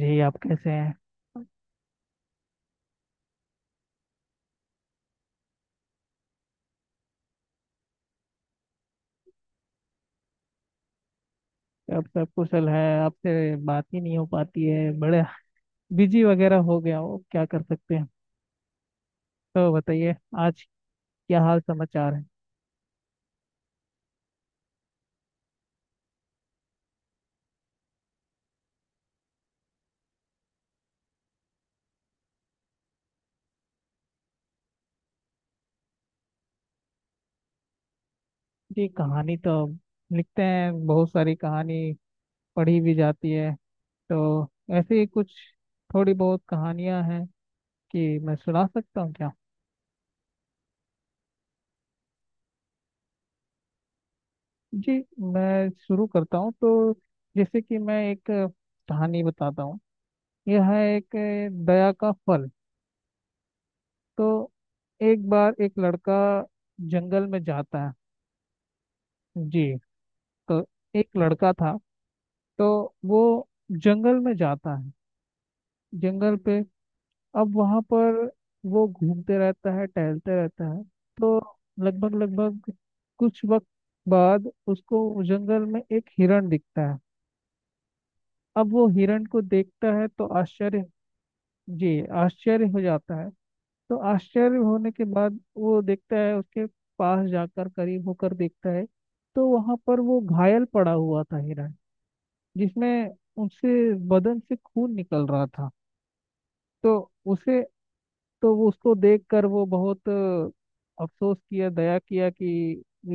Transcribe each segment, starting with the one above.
जी, आप कैसे हैं। आप सब कुशल है। आपसे बात ही नहीं हो पाती है। बड़े बिजी वगैरह हो गया हो, क्या कर सकते हैं। तो बताइए आज क्या हाल समाचार है। जी, कहानी तो लिखते हैं। बहुत सारी कहानी पढ़ी भी जाती है। तो ऐसे ही कुछ थोड़ी बहुत कहानियां हैं कि मैं सुना सकता हूँ क्या। जी, मैं शुरू करता हूँ तो। जैसे कि मैं एक कहानी बताता हूँ। यह है एक दया का फल। तो एक बार एक लड़का जंगल में जाता है। जी। तो एक लड़का था। तो वो जंगल में जाता है। जंगल पे अब वहाँ पर वो घूमते रहता है, टहलते रहता है। तो लगभग लगभग कुछ वक्त बाद उसको जंगल में एक हिरण दिखता है। अब वो हिरण को देखता है तो आश्चर्य। जी, आश्चर्य हो जाता है। तो आश्चर्य होने के बाद वो देखता है, उसके पास जाकर करीब होकर देखता है। तो वहां पर वो घायल पड़ा हुआ था हिरण, जिसमें उससे बदन से खून निकल रहा था। तो उसे तो वो उसको देखकर वो बहुत अफसोस किया, दया किया कि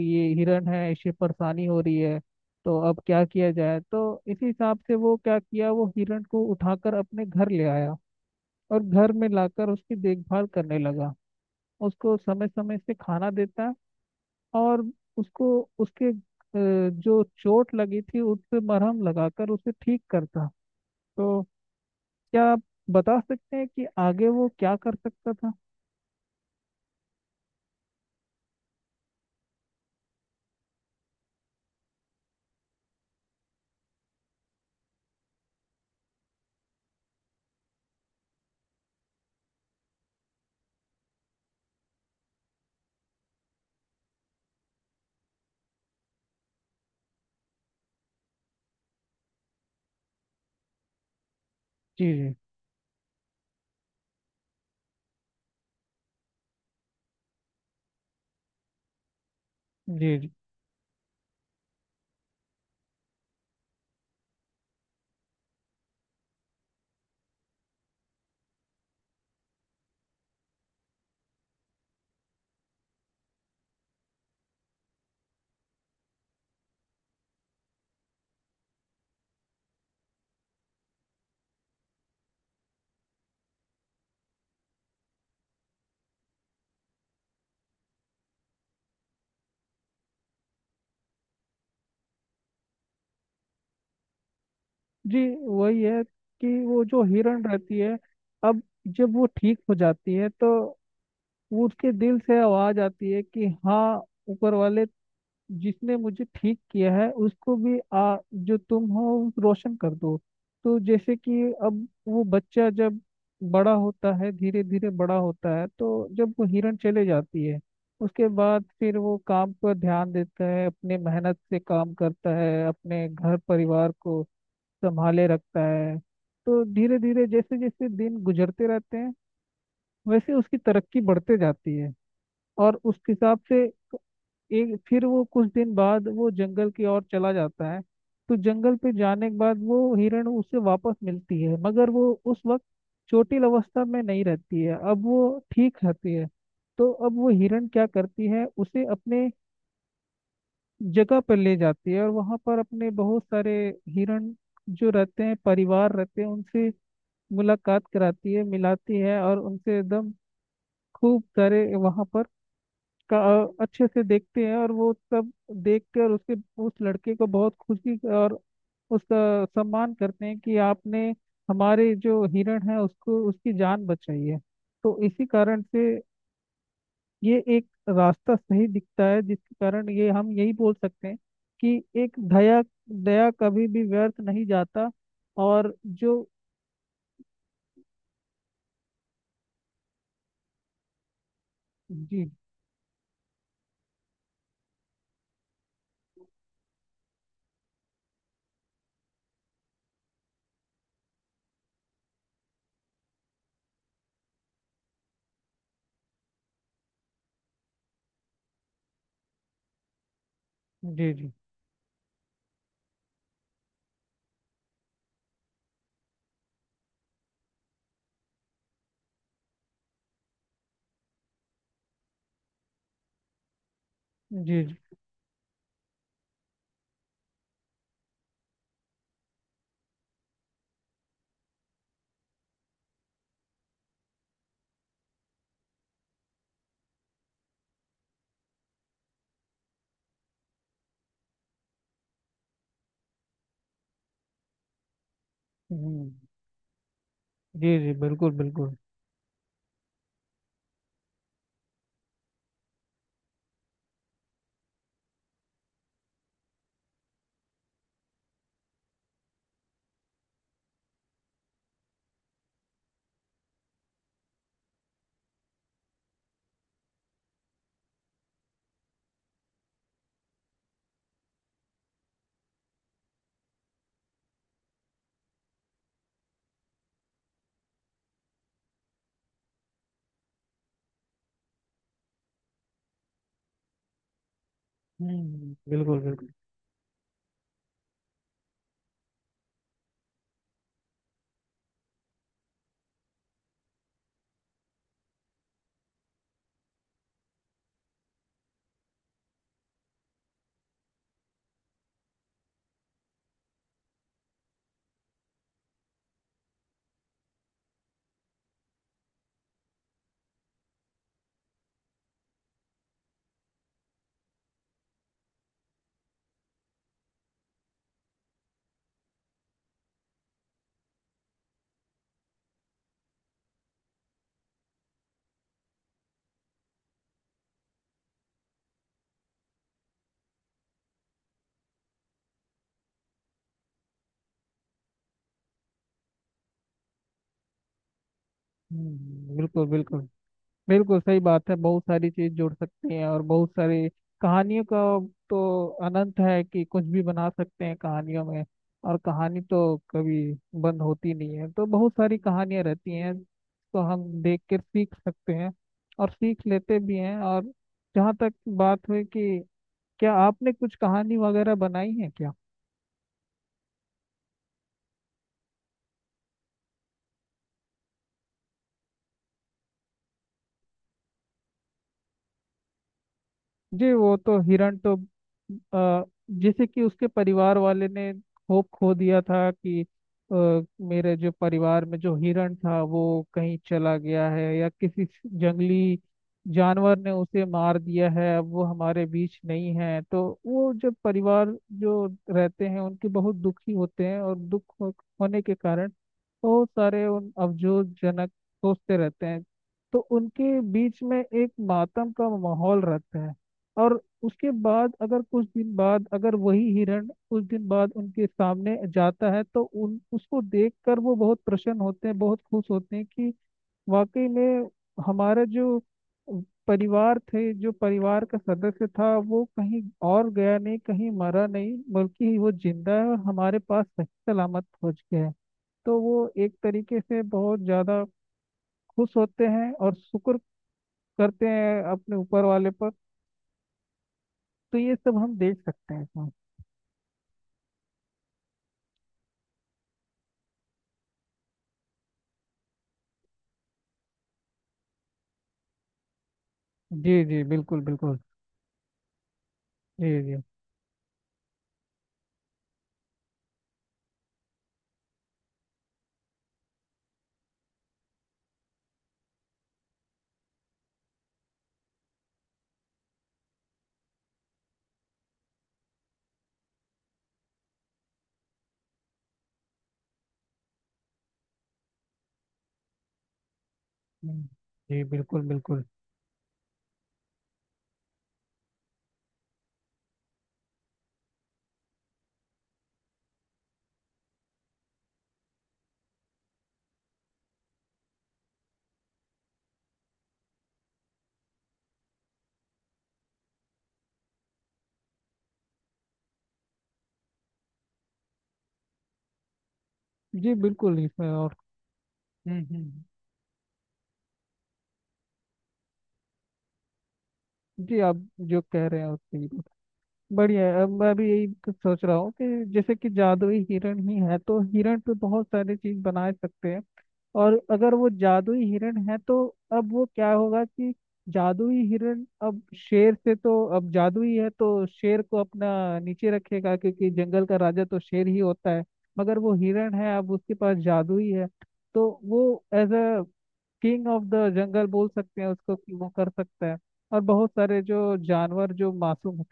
ये हिरण है, इसे परेशानी हो रही है। तो अब क्या किया जाए, तो इसी हिसाब से वो क्या किया, वो हिरण को उठाकर अपने घर ले आया। और घर में लाकर उसकी देखभाल करने लगा। उसको समय समय से खाना देता। और उसको उसके जो चोट लगी थी उस पे मरहम लगाकर उसे ठीक करता। तो क्या आप बता सकते हैं कि आगे वो क्या कर सकता था। जी जी, जी जी जी। वही है कि वो जो हिरण रहती है, अब जब वो ठीक हो जाती है तो वो उसके दिल से आवाज आती है कि हाँ, ऊपर वाले जिसने मुझे ठीक किया है उसको भी आ, जो तुम हो रोशन कर दो। तो जैसे कि अब वो बच्चा जब बड़ा होता है, धीरे धीरे बड़ा होता है, तो जब वो हिरण चले जाती है उसके बाद फिर वो काम पर ध्यान देता है, अपने मेहनत से काम करता है, अपने घर परिवार को संभाले रखता है। तो धीरे धीरे जैसे जैसे दिन गुजरते रहते हैं, वैसे उसकी तरक्की बढ़ते जाती है। और उस हिसाब से एक फिर वो कुछ दिन बाद वो जंगल की ओर चला जाता है। तो जंगल पे जाने के बाद वो हिरण उसे वापस मिलती है, मगर वो उस वक्त चोटिल अवस्था में नहीं रहती है, अब वो ठीक रहती है। तो अब वो हिरण क्या करती है, उसे अपने जगह पर ले जाती है और वहां पर अपने बहुत सारे हिरण जो रहते हैं, परिवार रहते हैं, उनसे मुलाकात कराती है, मिलाती है, और उनसे एकदम खूब सारे वहां पर का अच्छे से देखते हैं और वो सब देख कर उसके उस लड़के को बहुत खुशी और उसका सम्मान करते हैं कि आपने हमारे जो हिरण है उसको, उसकी जान बचाई है। तो इसी कारण से ये एक रास्ता सही दिखता है, जिसके कारण ये हम यही बोल सकते हैं कि एक दया दया कभी भी व्यर्थ नहीं जाता। और जो जी जी, जी जी जी। हम्म। जी जी, बिल्कुल बिल्कुल। हम्म, बिल्कुल बिल्कुल। हम्म, बिल्कुल बिल्कुल। बिल्कुल सही बात है। बहुत सारी चीज जुड़ सकती हैं और बहुत सारी कहानियों का तो अनंत है कि कुछ भी बना सकते हैं कहानियों में। और कहानी तो कभी बंद होती नहीं है, तो बहुत सारी कहानियां रहती हैं, तो हम देख कर सीख सकते हैं और सीख लेते भी हैं। और जहाँ तक बात हुई कि क्या आपने कुछ कहानी वगैरह बनाई है क्या। जी, वो तो हिरण तो अ, जैसे कि उसके परिवार वाले ने होप खो दिया था कि अ, मेरे जो परिवार में जो हिरण था, वो कहीं चला गया है या किसी जंगली जानवर ने उसे मार दिया है, अब वो हमारे बीच नहीं है। तो वो जो परिवार जो रहते हैं उनके बहुत दुखी होते हैं और होने के कारण बहुत सारे उन अफसोसजनक सोचते रहते हैं। तो उनके बीच में एक मातम का माहौल रहता है। और उसके बाद अगर कुछ दिन बाद अगर वही हिरण कुछ दिन बाद उनके सामने जाता है तो उन उसको देखकर वो बहुत प्रसन्न होते हैं, बहुत खुश होते हैं कि वाकई में हमारा जो परिवार थे, जो परिवार का सदस्य था वो कहीं और गया नहीं, कहीं मरा नहीं, बल्कि वो जिंदा है और हमारे पास सही सलामत पहुंच गया है। तो वो एक तरीके से बहुत ज्यादा खुश होते हैं और शुक्र करते हैं अपने ऊपर वाले पर। तो ये सब हम देख सकते हैं इसमें। जी जी, बिल्कुल बिल्कुल। जी जी। हम्म, जी बिल्कुल बिल्कुल। जी बिल्कुल इसमें और हम्म। जी, आप जो कह रहे हैं उससे बिल्कुल बढ़िया है। अब मैं भी यही कुछ सोच रहा हूँ कि जैसे कि जादुई हिरण ही है तो हिरण पे बहुत सारी चीज बना सकते हैं। और अगर वो जादुई हिरण है तो अब वो क्या होगा कि जादुई हिरण अब शेर से तो अब जादुई है तो शेर को अपना नीचे रखेगा, क्योंकि जंगल का राजा तो शेर ही होता है, मगर वो हिरण है, अब उसके पास जादुई है। तो वो as a king of the jungle बोल सकते हैं उसको कि वो कर सकता है। और बहुत सारे जो जानवर जो मासूम,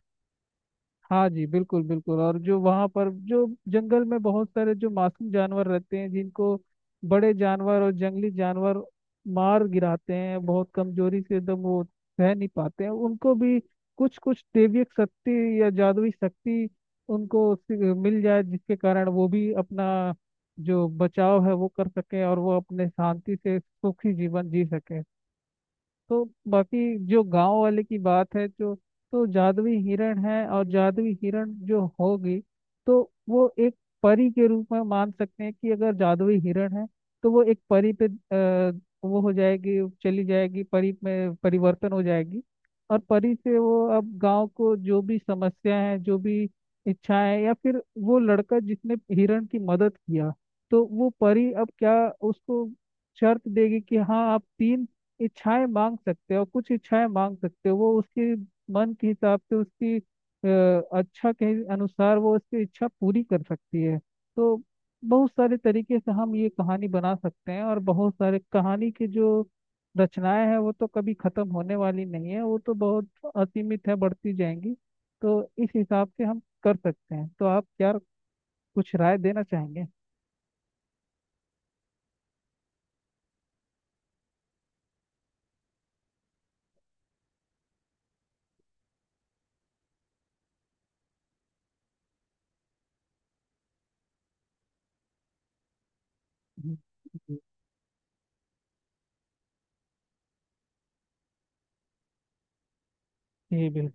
हाँ जी बिल्कुल बिल्कुल, और जो वहाँ पर जो जंगल में बहुत सारे जो मासूम जानवर रहते हैं जिनको बड़े जानवर और जंगली जानवर मार गिराते हैं, बहुत कमजोरी से एकदम वो सह नहीं पाते हैं, उनको भी कुछ कुछ दैवीय शक्ति या जादुई शक्ति उनको मिल जाए, जिसके कारण वो भी अपना जो बचाव है वो कर सके और वो अपने शांति से सुखी जीवन जी सके। तो बाकी जो गांव वाले की बात है जो, तो जादुई हिरण है और जादुई हिरण जो होगी तो वो एक परी के रूप में मान सकते हैं कि अगर जादुई हिरण है तो वो एक परी पे वो हो जाएगी, चली जाएगी, परी में परिवर्तन हो जाएगी। और परी से वो अब गांव को जो भी समस्या है, जो भी इच्छाएं, या फिर वो लड़का जिसने हिरण की मदद किया, तो वो परी अब क्या उसको शर्त देगी कि हाँ आप 3 इच्छाएं मांग सकते हो, कुछ इच्छाएं मांग सकते हो, वो उसके मन के हिसाब से उसकी अच्छा के अनुसार वो उसकी इच्छा पूरी कर सकती है। तो बहुत सारे तरीके से हम ये कहानी बना सकते हैं। और बहुत सारे कहानी की जो रचनाएं हैं वो तो कभी खत्म होने वाली नहीं है, वो तो बहुत असीमित है, बढ़ती जाएंगी। तो इस हिसाब से हम कर सकते हैं। तो आप क्या कुछ राय देना चाहेंगे। जी जी, जी बिल्कुल।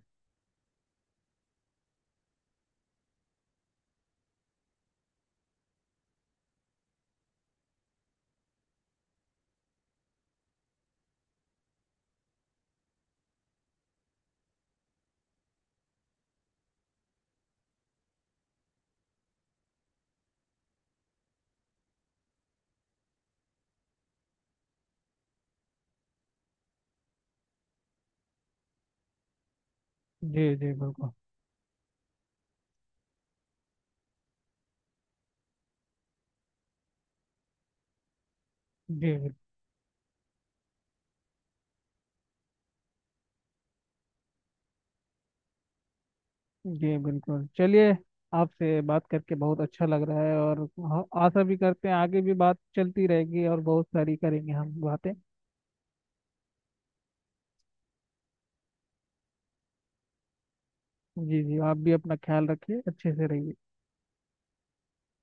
जी जी बिल्कुल। जी बिल्कुल। जी बिल्कुल चलिए, आपसे बात करके बहुत अच्छा लग रहा है। और आशा भी करते हैं आगे भी बात चलती रहेगी और बहुत सारी करेंगे हम बातें। जी जी, आप भी अपना ख्याल रखिए, अच्छे से रहिए।